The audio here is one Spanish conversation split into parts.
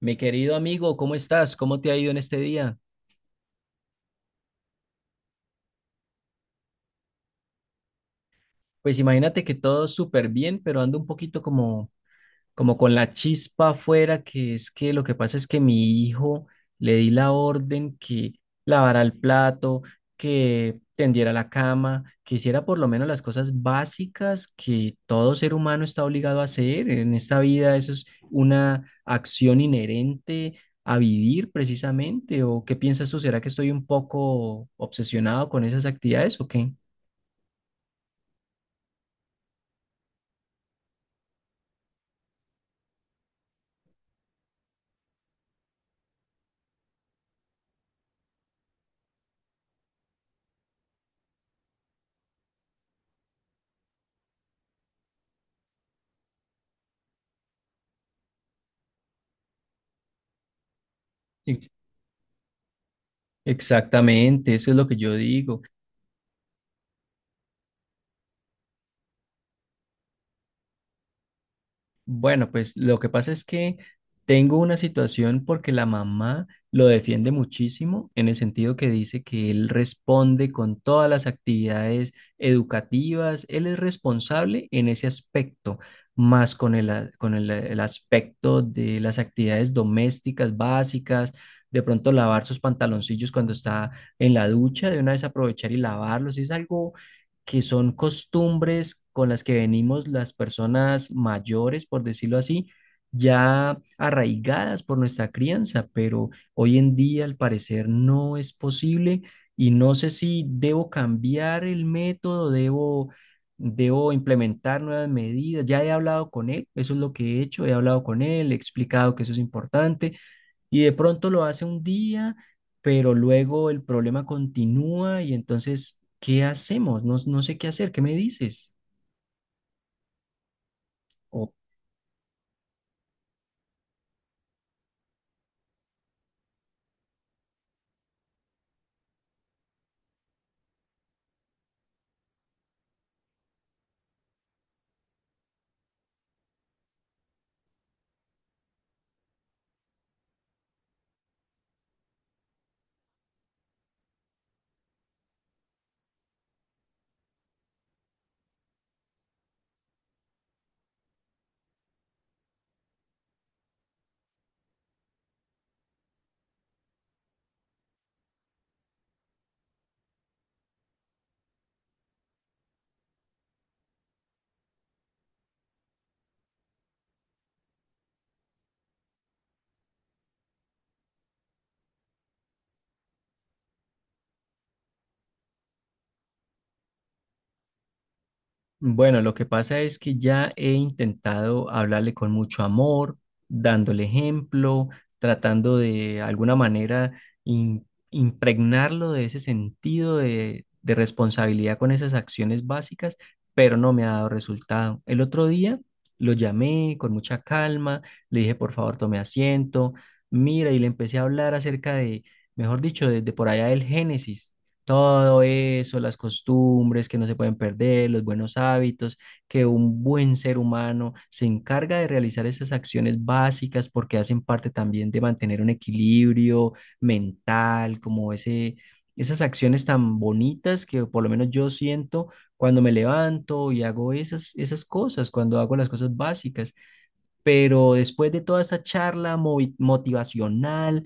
Mi querido amigo, ¿cómo estás? ¿Cómo te ha ido en este día? Pues imagínate que todo súper bien, pero ando un poquito como con la chispa afuera, que es que lo que pasa es que mi hijo le di la orden que lavara el plato, que tendiera la cama, que hiciera por lo menos las cosas básicas que todo ser humano está obligado a hacer. En esta vida eso es una acción inherente a vivir precisamente. ¿O qué piensas tú? ¿Será que estoy un poco obsesionado con esas actividades o qué? Sí. Exactamente, eso es lo que yo digo. Bueno, pues lo que pasa es que tengo una situación porque la mamá lo defiende muchísimo en el sentido que dice que él responde con todas las actividades educativas, él es responsable en ese aspecto, más con el, a- con el aspecto de las actividades domésticas básicas, de pronto lavar sus pantaloncillos cuando está en la ducha, de una vez aprovechar y lavarlos, es algo que son costumbres con las que venimos las personas mayores, por decirlo así, ya arraigadas por nuestra crianza, pero hoy en día al parecer no es posible y no sé si debo cambiar el método, debo implementar nuevas medidas. Ya he hablado con él, eso es lo que he hecho, he hablado con él, he explicado que eso es importante y de pronto lo hace un día, pero luego el problema continúa y entonces, ¿qué hacemos? No, no sé qué hacer, ¿qué me dices? Bueno, lo que pasa es que ya he intentado hablarle con mucho amor, dándole ejemplo, tratando de alguna manera im- impregnarlo de ese sentido de responsabilidad con esas acciones básicas, pero no me ha dado resultado. El otro día lo llamé con mucha calma, le dije, por favor, tome asiento, mira, y le empecé a hablar acerca de, mejor dicho, desde por allá del Génesis. Todo eso, las costumbres que no se pueden perder, los buenos hábitos, que un buen ser humano se encarga de realizar esas acciones básicas porque hacen parte también de mantener un equilibrio mental, como ese, esas acciones tan bonitas que por lo menos yo siento cuando me levanto y hago esas cosas, cuando hago las cosas básicas. Pero después de toda esa charla motivacional,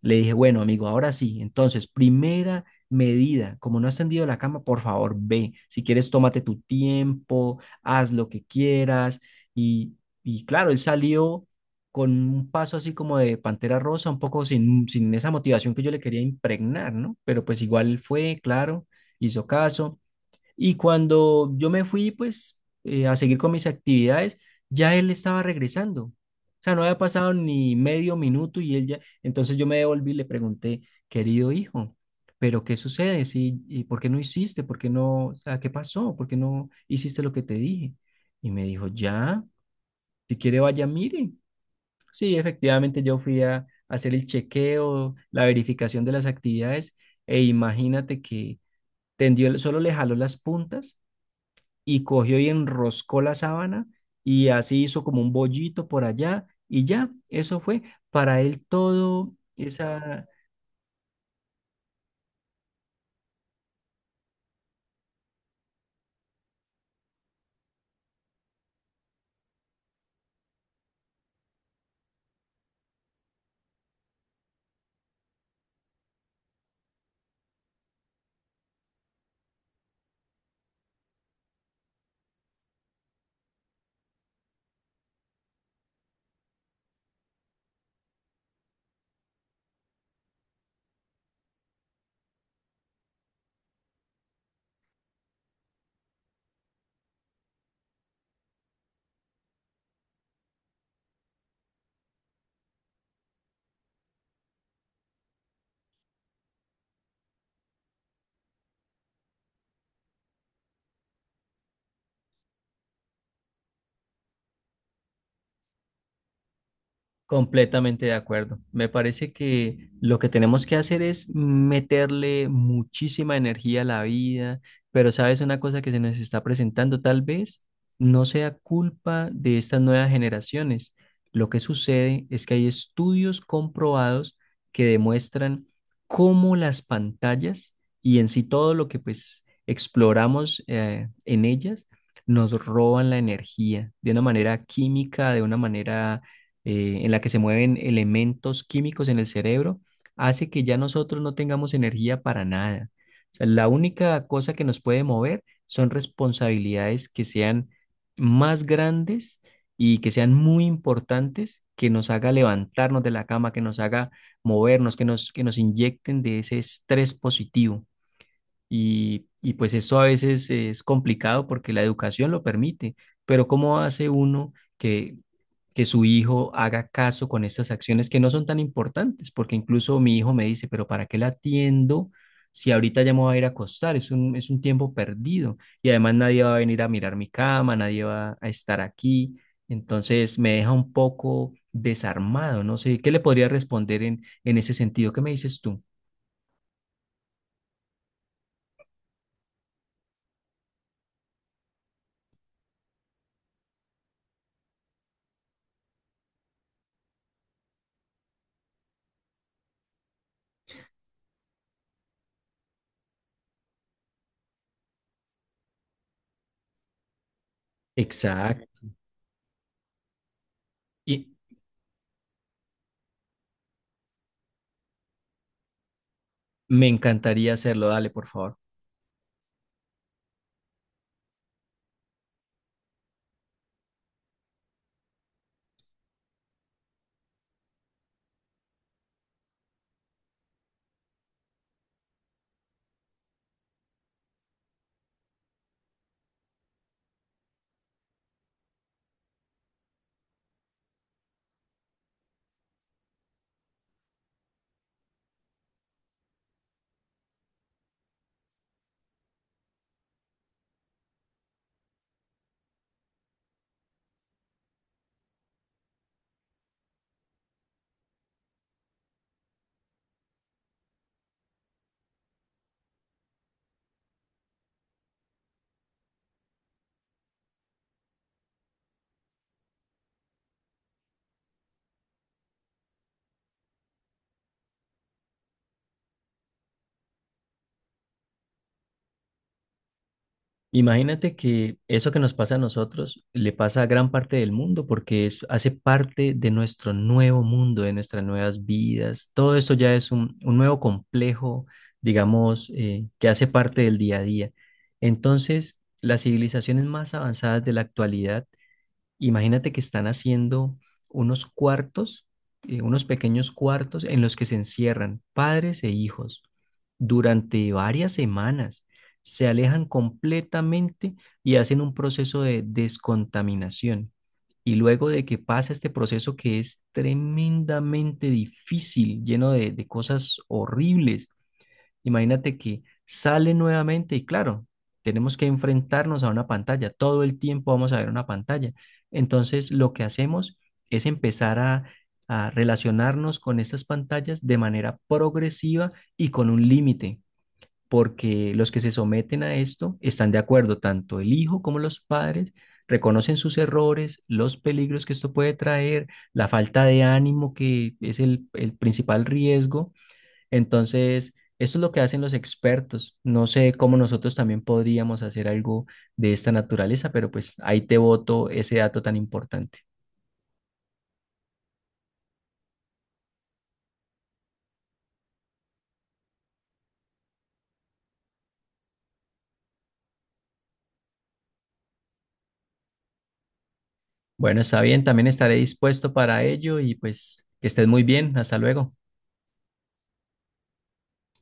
le dije, bueno, amigo, ahora sí. Entonces, primera medida, como no has tendido la cama, por favor, ve. Si quieres, tómate tu tiempo, haz lo que quieras. Y, y claro, él salió con un paso así como de Pantera Rosa, un poco sin esa motivación que yo le quería impregnar, ¿no? Pero pues igual fue, claro, hizo caso. Y cuando yo me fui, pues, a seguir con mis actividades, ya él estaba regresando. O sea, no había pasado ni medio minuto y él ya... Entonces yo me devolví y le pregunté, querido hijo, ¿pero qué sucede? ¿Sí? ¿Y por qué no hiciste? ¿Por qué no? O sea, ¿qué pasó? ¿Por qué no hiciste lo que te dije? Y me dijo, ya, si quiere vaya, mire. Sí, efectivamente yo fui a hacer el chequeo, la verificación de las actividades e imagínate que tendió, solo le jaló las puntas y cogió y enroscó la sábana y así hizo como un bollito por allá y ya, eso fue para él todo esa. Completamente de acuerdo. Me parece que lo que tenemos que hacer es meterle muchísima energía a la vida, pero sabes una cosa que se nos está presentando, tal vez no sea culpa de estas nuevas generaciones. Lo que sucede es que hay estudios comprobados que demuestran cómo las pantallas y en sí todo lo que pues exploramos en ellas nos roban la energía de una manera química, de una manera en la que se mueven elementos químicos en el cerebro, hace que ya nosotros no tengamos energía para nada. O sea, la única cosa que nos puede mover son responsabilidades que sean más grandes y que sean muy importantes, que nos haga levantarnos de la cama, que nos haga movernos, que nos inyecten de ese estrés positivo. Y pues eso a veces es complicado porque la educación lo permite, pero ¿cómo hace uno que su hijo haga caso con estas acciones que no son tan importantes? Porque incluso mi hijo me dice, pero ¿para qué la atiendo si ahorita ya me voy a ir a acostar? Es un tiempo perdido y además nadie va a venir a mirar mi cama, nadie va a estar aquí. Entonces me deja un poco desarmado, no sé, ¿qué le podría responder en ese sentido? ¿Qué me dices tú? Exacto. Y, me encantaría hacerlo, dale, por favor. Imagínate que eso que nos pasa a nosotros le pasa a gran parte del mundo porque es, hace parte de nuestro nuevo mundo, de nuestras nuevas vidas. Todo esto ya es un nuevo complejo, digamos, que hace parte del día a día. Entonces, las civilizaciones más avanzadas de la actualidad, imagínate, que están haciendo unos cuartos, unos pequeños cuartos en los que se encierran padres e hijos durante varias semanas. Se alejan completamente y hacen un proceso de descontaminación. Y luego de que pasa este proceso que es tremendamente difícil, lleno de cosas horribles, imagínate que sale nuevamente y claro, tenemos que enfrentarnos a una pantalla. Todo el tiempo vamos a ver una pantalla. Entonces, lo que hacemos es empezar a relacionarnos con estas pantallas de manera progresiva y con un límite, porque los que se someten a esto están de acuerdo, tanto el hijo como los padres. Reconocen sus errores, los peligros que esto puede traer, la falta de ánimo que es el principal riesgo. Entonces, esto es lo que hacen los expertos. No sé cómo nosotros también podríamos hacer algo de esta naturaleza, pero pues ahí te boto ese dato tan importante. Bueno, está bien, también estaré dispuesto para ello y pues que estés muy bien. Hasta luego.